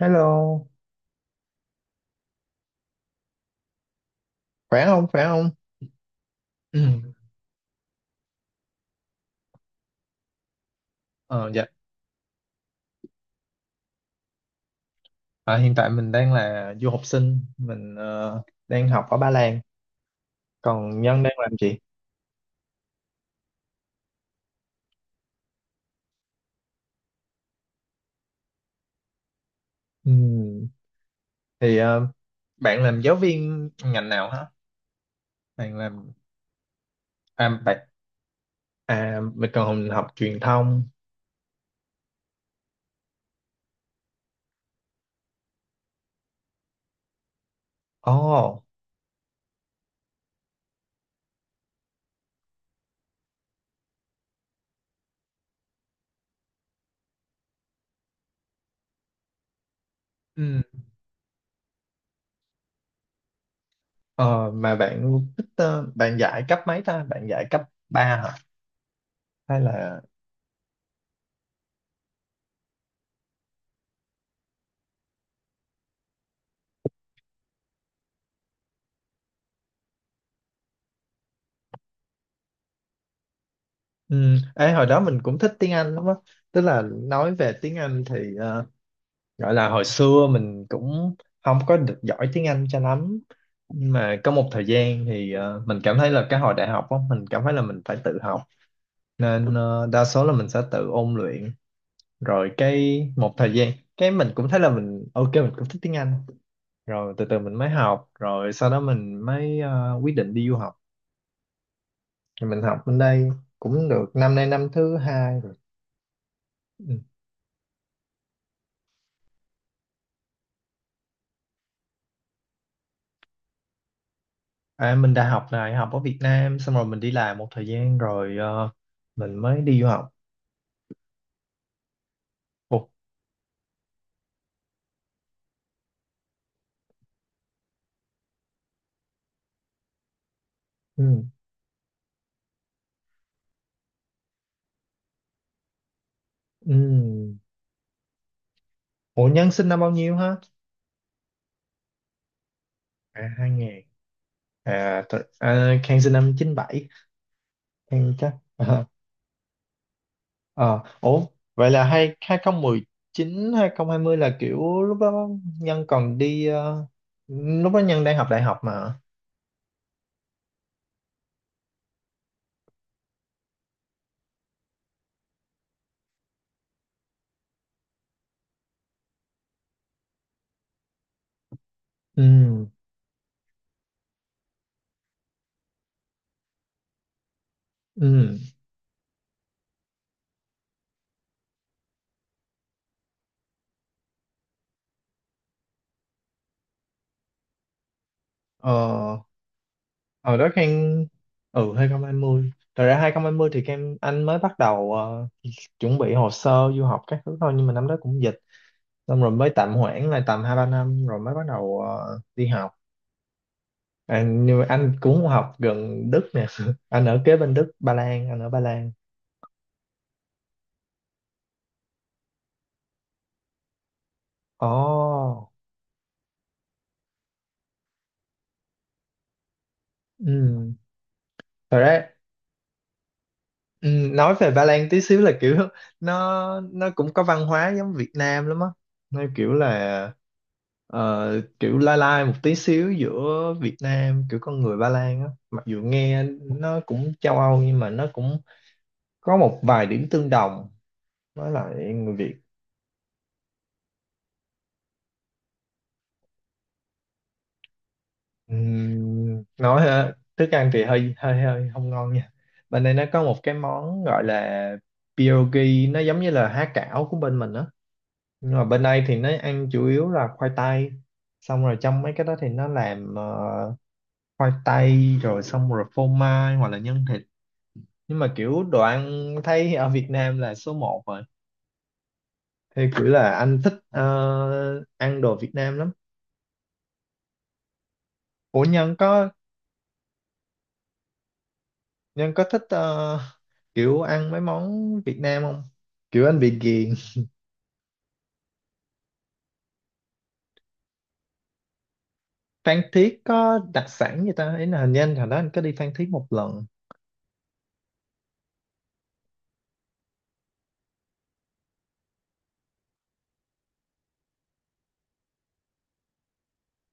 Hello, khỏe không khỏe không. Ừ. ờ, dạ. Hiện tại mình đang là du học sinh, mình đang học ở Ba Lan. Còn Nhân đang làm gì? Ừ. Thì bạn làm giáo viên ngành nào hả? Bạn làm à, bạn à Mình còn học truyền thông. Ồ. Ừ. ờ, mà bạn thích, bạn dạy cấp mấy ta, bạn dạy cấp 3 hả? Hay là... Ừ. Ê, hồi đó mình cũng thích tiếng Anh lắm á, tức là nói về tiếng Anh thì gọi là hồi xưa mình cũng không có được giỏi tiếng Anh cho lắm, nhưng mà có một thời gian thì mình cảm thấy là cái hồi đại học á mình cảm thấy là mình phải tự học, nên đa số là mình sẽ tự ôn luyện, rồi cái một thời gian cái mình cũng thấy là mình ok, mình cũng thích tiếng Anh, rồi từ từ mình mới học, rồi sau đó mình mới quyết định đi du học, thì mình học bên đây cũng được năm nay năm thứ hai rồi. Ừ. À, mình đã học đại học ở Việt Nam xong rồi mình đi làm một thời gian rồi mình mới đi du học. Ủa. Ừ. Ừ. Ủa Nhân sinh năm bao nhiêu hả? À hai ngàn. À, thật, à Khang sinh năm chín bảy. Khang chắc... Ờ. Ờ. Ủa, vậy là hai hai không mười chín hai không hai mươi là kiểu lúc đó Nhân còn đi, lúc đó Nhân đang học đại học mà. Ừ. Ừ. Ờ. Ở đó Khang. Ừ, hai không hai mươi, thật ra hai không hai mươi thì Khang, anh mới bắt đầu chuẩn bị hồ sơ du học các thứ thôi, nhưng mà năm đó cũng dịch, xong rồi mới tạm hoãn lại tầm hai ba năm rồi mới bắt đầu đi học. À, nhưng mà anh cũng học gần Đức nè anh ở kế bên Đức, Ba Lan, anh ở Ba Lan. Ồ. Ừ. Thật ra... Ừ, nói về Ba Lan tí xíu là kiểu nó cũng có văn hóa giống Việt Nam lắm á, nó kiểu là ờ, kiểu lai lai một tí xíu giữa Việt Nam, kiểu con người Ba Lan á, mặc dù nghe nó cũng châu Âu nhưng mà nó cũng có một vài điểm tương đồng với lại người Việt. Nói hả? Thức ăn thì hơi hơi hơi không ngon nha, bên đây nó có một cái món gọi là pierogi, nó giống như là há cảo của bên mình á, nhưng mà bên đây thì nó ăn chủ yếu là khoai tây, xong rồi trong mấy cái đó thì nó làm khoai tây rồi xong rồi phô mai hoặc là nhân thịt, nhưng mà kiểu đồ ăn thấy ở Việt Nam là số một rồi, thì kiểu là anh thích ăn đồ Việt Nam lắm. Ủa Nhân có... Nhân có thích kiểu ăn mấy món Việt Nam không? Kiểu anh bị ghiền. Phan Thiết có đặc sản gì ta? Ý là hình như anh hồi đó anh có đi Phan Thiết một lần.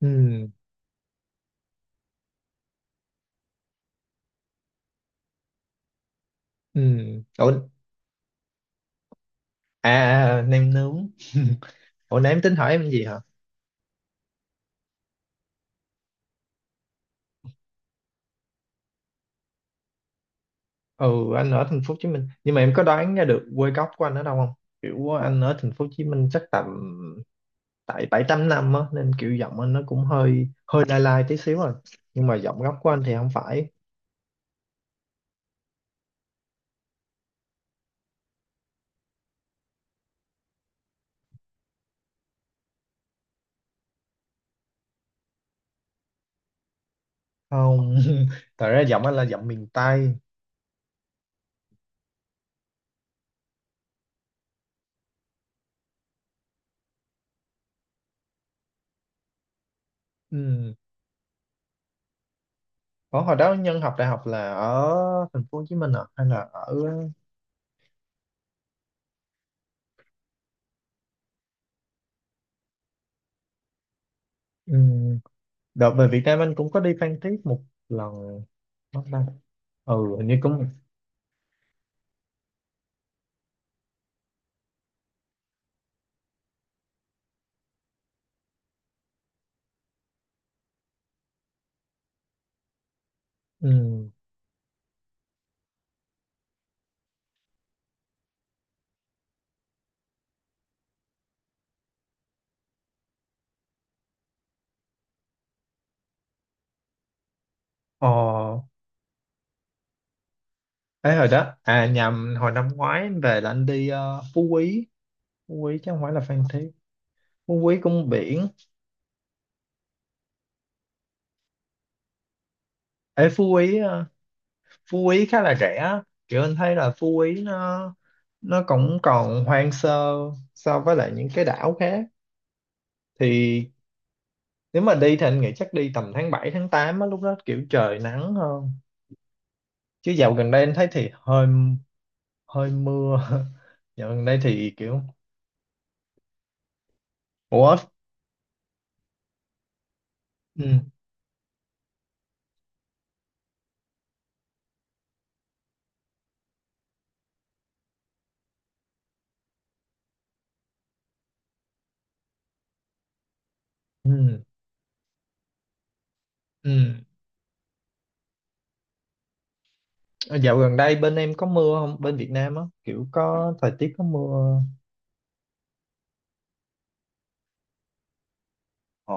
Ừ. Ừ. Ủa, nem nướng. Ủa nãy em tính hỏi em gì hả? Ừ, anh ở thành phố Hồ Chí Minh. Nhưng mà em có đoán ra được quê gốc của anh ở đâu không? Kiểu anh ở thành phố Hồ Chí Minh chắc tầm, tại bảy tám năm á, nên kiểu giọng anh nó cũng hơi hơi lai lai tí xíu rồi. Nhưng mà giọng gốc của anh thì không phải. Không, thật ra giọng anh là giọng miền Tây. Ừ. Ủa, hồi đó Nhân học đại học là ở thành phố Hồ Chí Minh à? Hay là ở... Ừ. Đợt về Việt Nam anh cũng có đi Phan Thiết một lần mất đâu. Ừ hình như cũng... Ừ. Ờ, ấy hồi đó, à nhầm, hồi năm ngoái anh về là anh đi Phú Quý. Phú Quý chứ không phải là Phan Thiết. Phú Quý cũng biển. Ê, Phú Quý Phú Quý khá là rẻ á. Kiểu anh thấy là Phú Quý nó cũng còn hoang sơ so với lại những cái đảo khác, thì nếu mà đi thì anh nghĩ chắc đi tầm tháng 7 tháng 8 á, lúc đó kiểu trời nắng hơn, chứ dạo gần đây anh thấy thì hơi hơi mưa. Dạo gần đây thì kiểu... Ủa. Ừ. Ừ. Ừ. Ờ, dạo gần đây bên em có mưa không, bên Việt Nam á, kiểu có thời tiết có mưa? Ờ.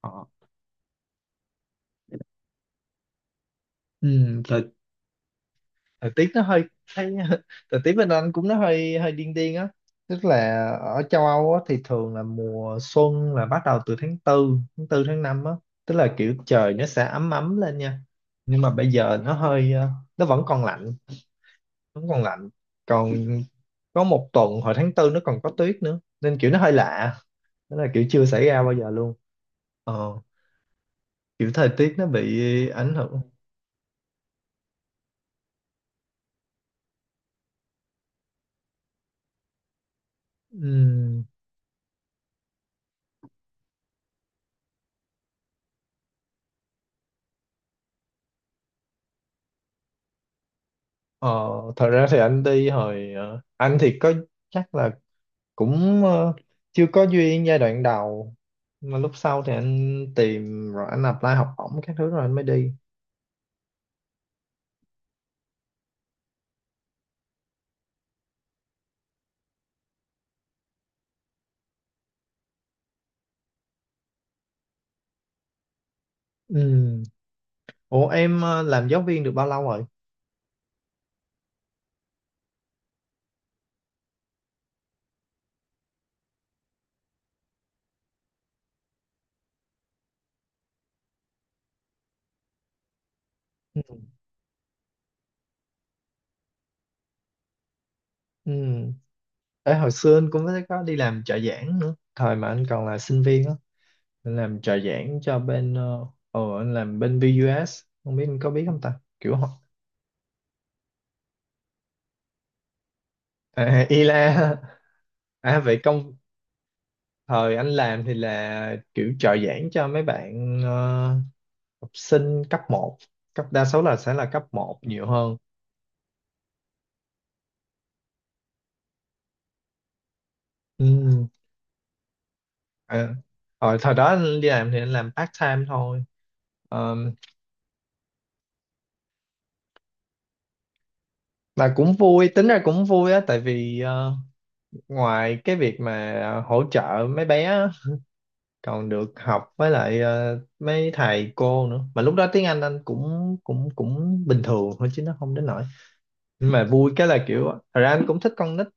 Ờ. Ừ, thời thời tiết nó hơi... thấy thời tiết bên anh cũng nó hơi hơi điên điên á, tức là ở châu Âu á, thì thường là mùa xuân là bắt đầu từ tháng tư, tháng tư tháng 5 á, tức là kiểu trời nó sẽ ấm ấm lên nha, nhưng mà bây giờ nó hơi nó vẫn còn lạnh, vẫn còn lạnh, còn có một tuần hồi tháng tư nó còn có tuyết nữa nên kiểu nó hơi lạ, tức là kiểu chưa xảy ra bao giờ luôn. ờ, Kiểu thời tiết nó bị ảnh hưởng. Ừm. ờ, Thật ra thì anh đi hồi anh thì có chắc là cũng chưa có duyên giai đoạn đầu, mà lúc sau thì anh tìm rồi anh apply học bổng các thứ rồi anh mới đi. Ừ. Ủa em làm giáo viên được bao lâu rồi? Ừ. Ừ. Ê, hồi xưa anh cũng có đi làm trợ giảng nữa thời mà anh còn là sinh viên á, anh làm trợ giảng cho bên anh làm bên VUS không biết anh có biết không ta kiểu họ... À, ILA. À vậy công, thời anh làm thì là kiểu trợ giảng cho mấy bạn học sinh cấp một, cấp đa số là sẽ là cấp một nhiều hơn. Ừ. À, hồi thời đó đi làm thì anh làm part time thôi. Ờ, mà cũng vui, tính ra cũng vui á, tại vì ngoài cái việc mà hỗ trợ mấy bé á, còn được học với lại mấy thầy cô nữa, mà lúc đó tiếng anh cũng cũng cũng bình thường thôi chứ nó không đến nỗi, nhưng mà vui cái là kiểu thật ra anh cũng thích con nít,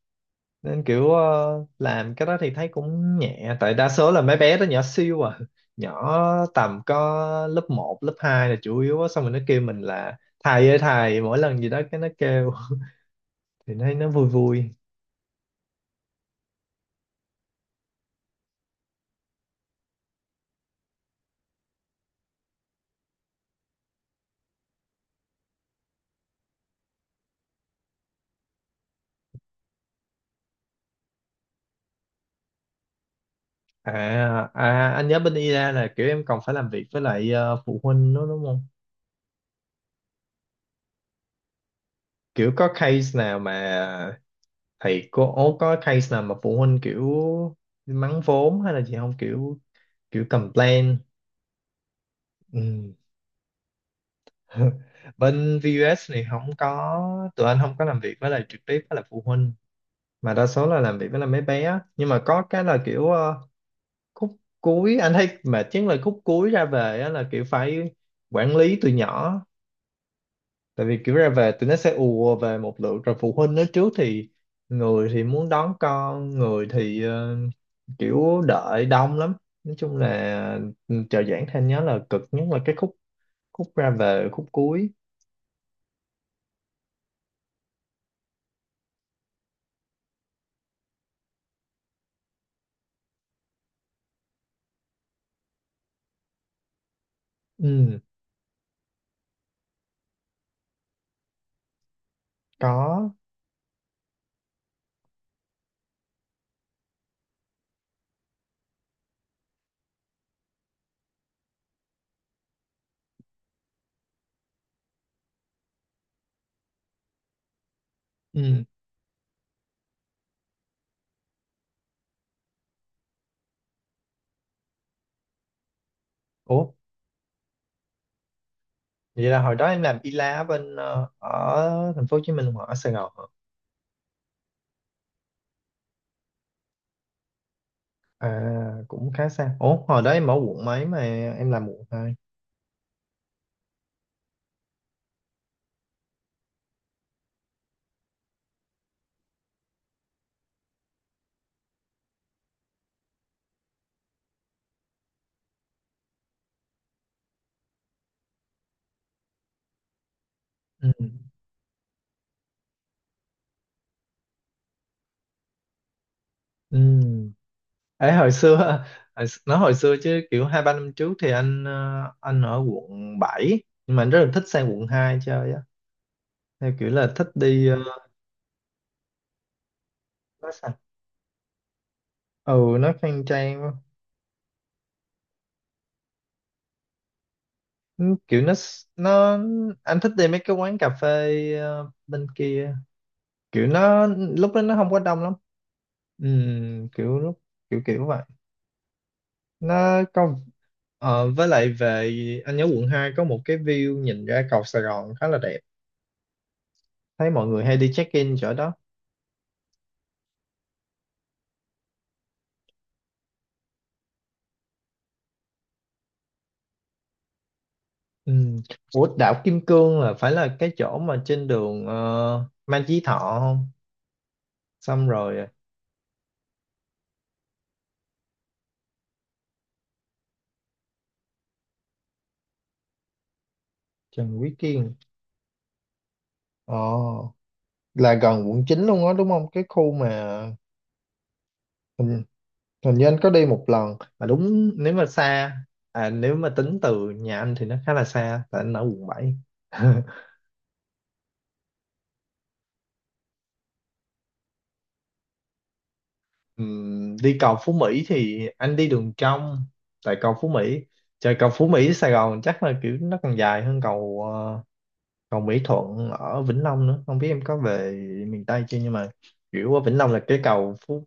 nên kiểu làm cái đó thì thấy cũng nhẹ, tại đa số là mấy bé đó nhỏ siêu à, nhỏ tầm có lớp một, lớp 2 là chủ yếu á, xong rồi nó kêu mình là thầy ơi thầy mỗi lần gì đó cái nó kêu thì nó vui vui. à, anh nhớ bên IDA là kiểu em còn phải làm việc với lại phụ huynh nữa đúng không, kiểu có case nào mà thầy cô có case nào mà phụ huynh kiểu mắng vốn hay là gì không, kiểu kiểu complain. Ừ. Bên VUS thì không có, tụi anh không có làm việc với lại trực tiếp với lại phụ huynh, mà đa số là làm việc với lại mấy bé á. Nhưng mà có cái là kiểu khúc cuối anh thấy mà chính là khúc cuối ra về á, là kiểu phải quản lý tụi nhỏ, tại vì kiểu ra về tụi nó sẽ ùa về một lượt rồi phụ huynh nó trước thì người thì muốn đón con, người thì kiểu đợi đông lắm, nói chung là ừ, trợ giảng thêm nhớ là cực nhất là cái khúc khúc ra về khúc cuối. Ừ có. Ừ. Ủa vậy là hồi đó em làm y lá bên ở thành phố Hồ Chí Minh hoặc ở Sài Gòn hả? À cũng khá xa, ủa hồi đó em ở quận mấy mà em làm quận hai. Ừ. Ừ. Ấy hồi xưa, hồi nói hồi xưa chứ kiểu hai ba năm trước thì anh anh ở quận 7 nhưng mà anh rất là thích sang quận 2 chơi á, theo kiểu là thích đi nó sao... Ừ nó khang trang quá. Kiểu nó, anh thích đi mấy cái quán cà phê bên kia. Kiểu nó lúc đó nó không có đông lắm. Kiểu lúc kiểu kiểu vậy. Nó có với lại, về anh nhớ quận 2 có một cái view nhìn ra cầu Sài Gòn khá là đẹp, thấy mọi người hay đi check in chỗ đó. Ừm, Ủa, đảo Kim Cương là phải là cái chỗ mà trên đường Mai Chí Thọ không? Xong rồi à, Trần Quý Kiên. Ồ, là gần quận 9 luôn á đúng không, cái khu mà ừ, hình như anh có đi một lần mà đúng. Nếu mà xa, à nếu mà tính từ nhà anh thì nó khá là xa, tại anh ở quận 7. Đi cầu Phú Mỹ thì anh đi đường trong, tại cầu Phú Mỹ, trời cầu Phú Mỹ Sài Gòn chắc là kiểu nó còn dài hơn cầu cầu Mỹ Thuận ở Vĩnh Long nữa, không biết em có về miền Tây chưa, nhưng mà kiểu ở Vĩnh Long là cái cầu Phú,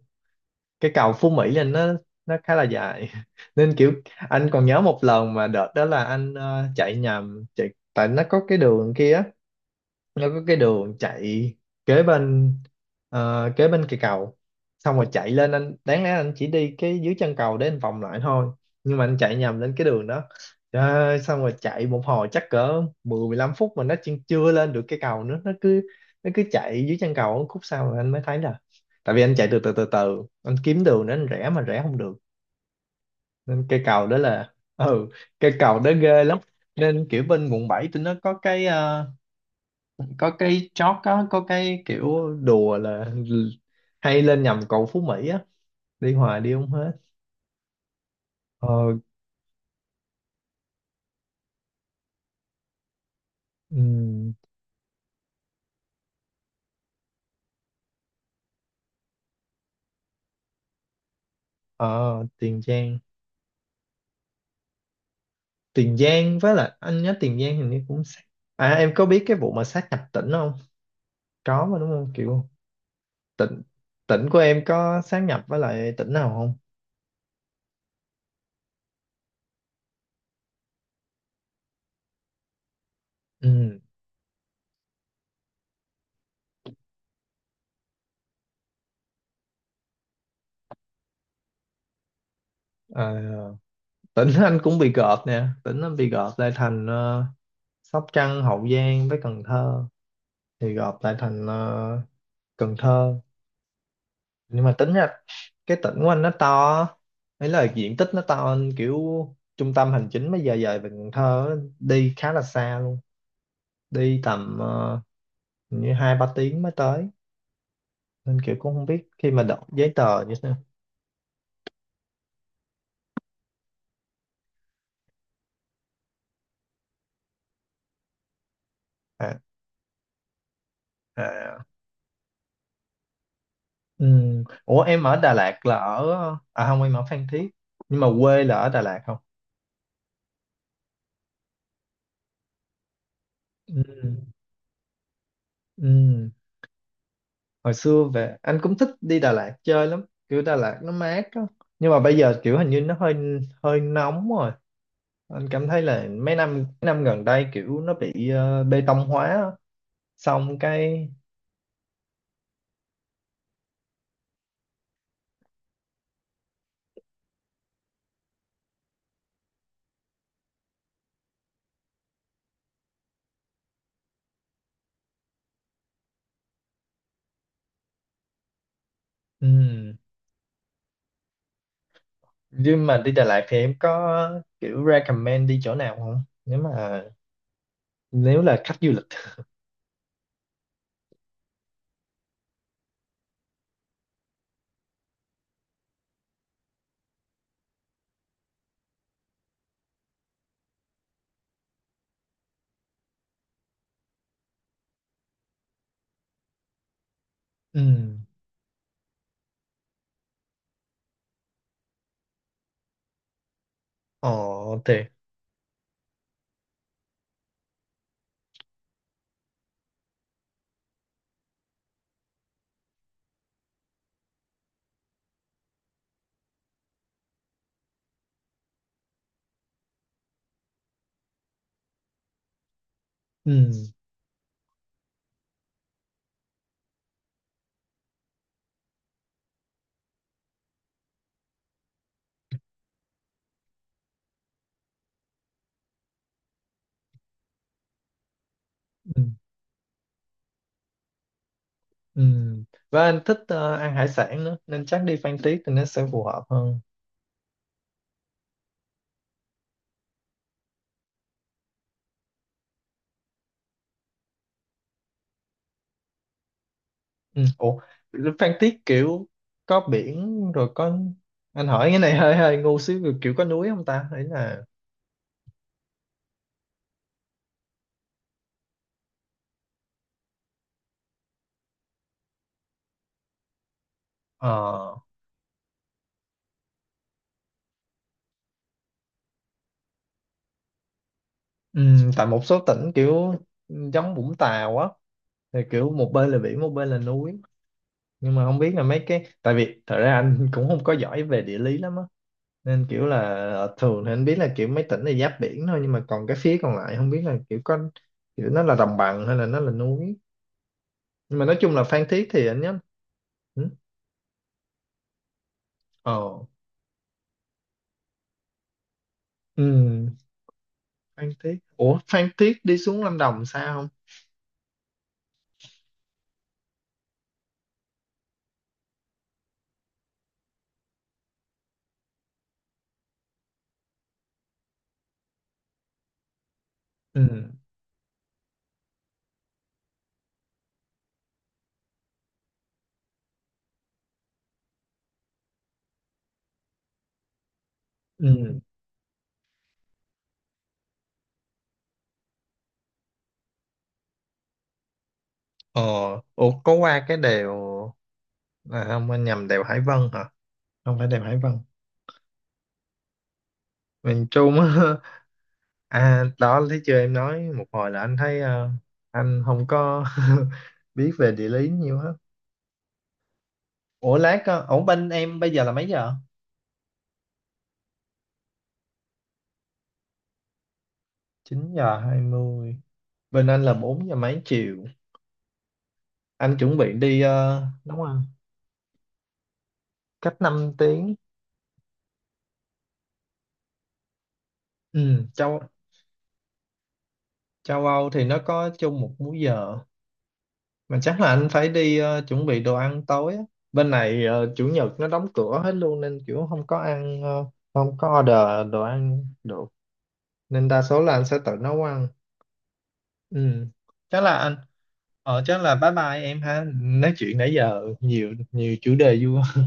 cái cầu Phú Mỹ là nó khá là dài nên kiểu anh còn nhớ một lần mà đợt đó là anh chạy nhầm chạy, tại nó có cái đường kia, nó có cái đường chạy kế bên, kế bên cây cầu. Xong rồi chạy lên, anh đáng lẽ anh chỉ đi cái dưới chân cầu để anh vòng lại thôi, nhưng mà anh chạy nhầm lên cái đường đó. Trời ơi, xong rồi chạy một hồi chắc cỡ 10 15 phút mà nó chưa lên được cây cầu nữa, nó cứ chạy dưới chân cầu, khúc sau rồi anh mới thấy là tại vì anh chạy từ từ từ từ anh kiếm đường để anh rẽ mà rẽ không được. Nên cây cầu đó là ừ, cây cầu đó ghê lắm. Nên kiểu bên quận 7 tụi nó có cái có cái chót, có cái kiểu đùa là hay lên nhầm cầu Phú Mỹ á, đi hoài đi không hết. Ờ. ừm, ờ, Tiền Giang. Tiền Giang, với lại anh nhớ Tiền Giang hình như cũng sát, à em có biết cái vụ mà sát nhập tỉnh không? Có mà đúng không, kiểu tỉnh tỉnh của em có sát nhập với lại tỉnh nào không? Ừ. À, tỉnh anh cũng bị gộp nè, tỉnh anh bị gộp lại thành Sóc Trăng, Hậu Giang với Cần Thơ, thì gộp lại thành Cần Thơ. Nhưng mà tính ra cái tỉnh của anh nó to, ấy là diện tích nó to hơn, kiểu trung tâm hành chính mới giờ dời về Cần Thơ á, đi khá là xa luôn, đi tầm hình như 2 3 tiếng mới tới, nên kiểu cũng không biết khi mà đọc giấy tờ như thế nào. À. À. Ừ. Ủa em ở Đà Lạt là ở, à không em ở Phan Thiết nhưng mà quê là ở Đà Lạt không? Ừ. Ừ. Hồi xưa về anh cũng thích đi Đà Lạt chơi lắm, kiểu Đà Lạt nó mát á, nhưng mà bây giờ kiểu hình như nó hơi hơi nóng rồi. Anh cảm thấy là mấy năm gần đây kiểu nó bị bê tông hóa á. Xong cái ừm, nhưng mà đi Đà Lạt thì em có kiểu recommend đi chỗ nào không, nếu mà nếu là khách du lịch? Ừm. Ờ thì ừm. Ừm. Ừm. Và anh thích ăn hải sản nữa nên chắc đi Phan Thiết thì nó sẽ phù hợp hơn. Ừm. Ủa Phan Thiết kiểu có biển rồi có, anh hỏi cái này hơi hơi ngu xíu, kiểu có núi không ta, ấy là ờ. Ừ, tại một số tỉnh kiểu giống Vũng Tàu á thì kiểu một bên là biển một bên là núi. Nhưng mà không biết là mấy cái, tại vì thật ra anh cũng không có giỏi về địa lý lắm á, nên kiểu là thường thì anh biết là kiểu mấy tỉnh là giáp biển thôi, nhưng mà còn cái phía còn lại không biết là kiểu có, kiểu nó là đồng bằng hay là nó là núi. Nhưng mà nói chung là Phan Thiết thì anh nhớ ừ. Ờ. Ừ. Phan Thiết, ủa Phan Thiết đi xuống Lâm Đồng sao không? Ừ. Ừ. Ờ, ủa có qua cái đèo, là không anh nhầm đèo Hải Vân hả? Không phải đèo Hải Vân, miền Trung á. À đó anh thấy chưa, em nói một hồi là anh thấy anh không có biết về địa lý nhiều hết. Ủa lát ổn, bên em bây giờ là mấy giờ? 9 giờ 20. Bên anh là 4 giờ mấy chiều. Anh chuẩn bị đi đúng không? Cách 5 tiếng. Ừ, châu châu Âu thì nó có chung một múi giờ. Mà chắc là anh phải đi chuẩn bị đồ ăn tối á. Bên này chủ nhật nó đóng cửa hết luôn nên kiểu không có ăn không có order đồ ăn được, nên đa số là anh sẽ tự nấu ăn. Ừ. Chắc là anh ờ chắc là bye bye em ha, nói chuyện nãy giờ nhiều nhiều chủ đề vui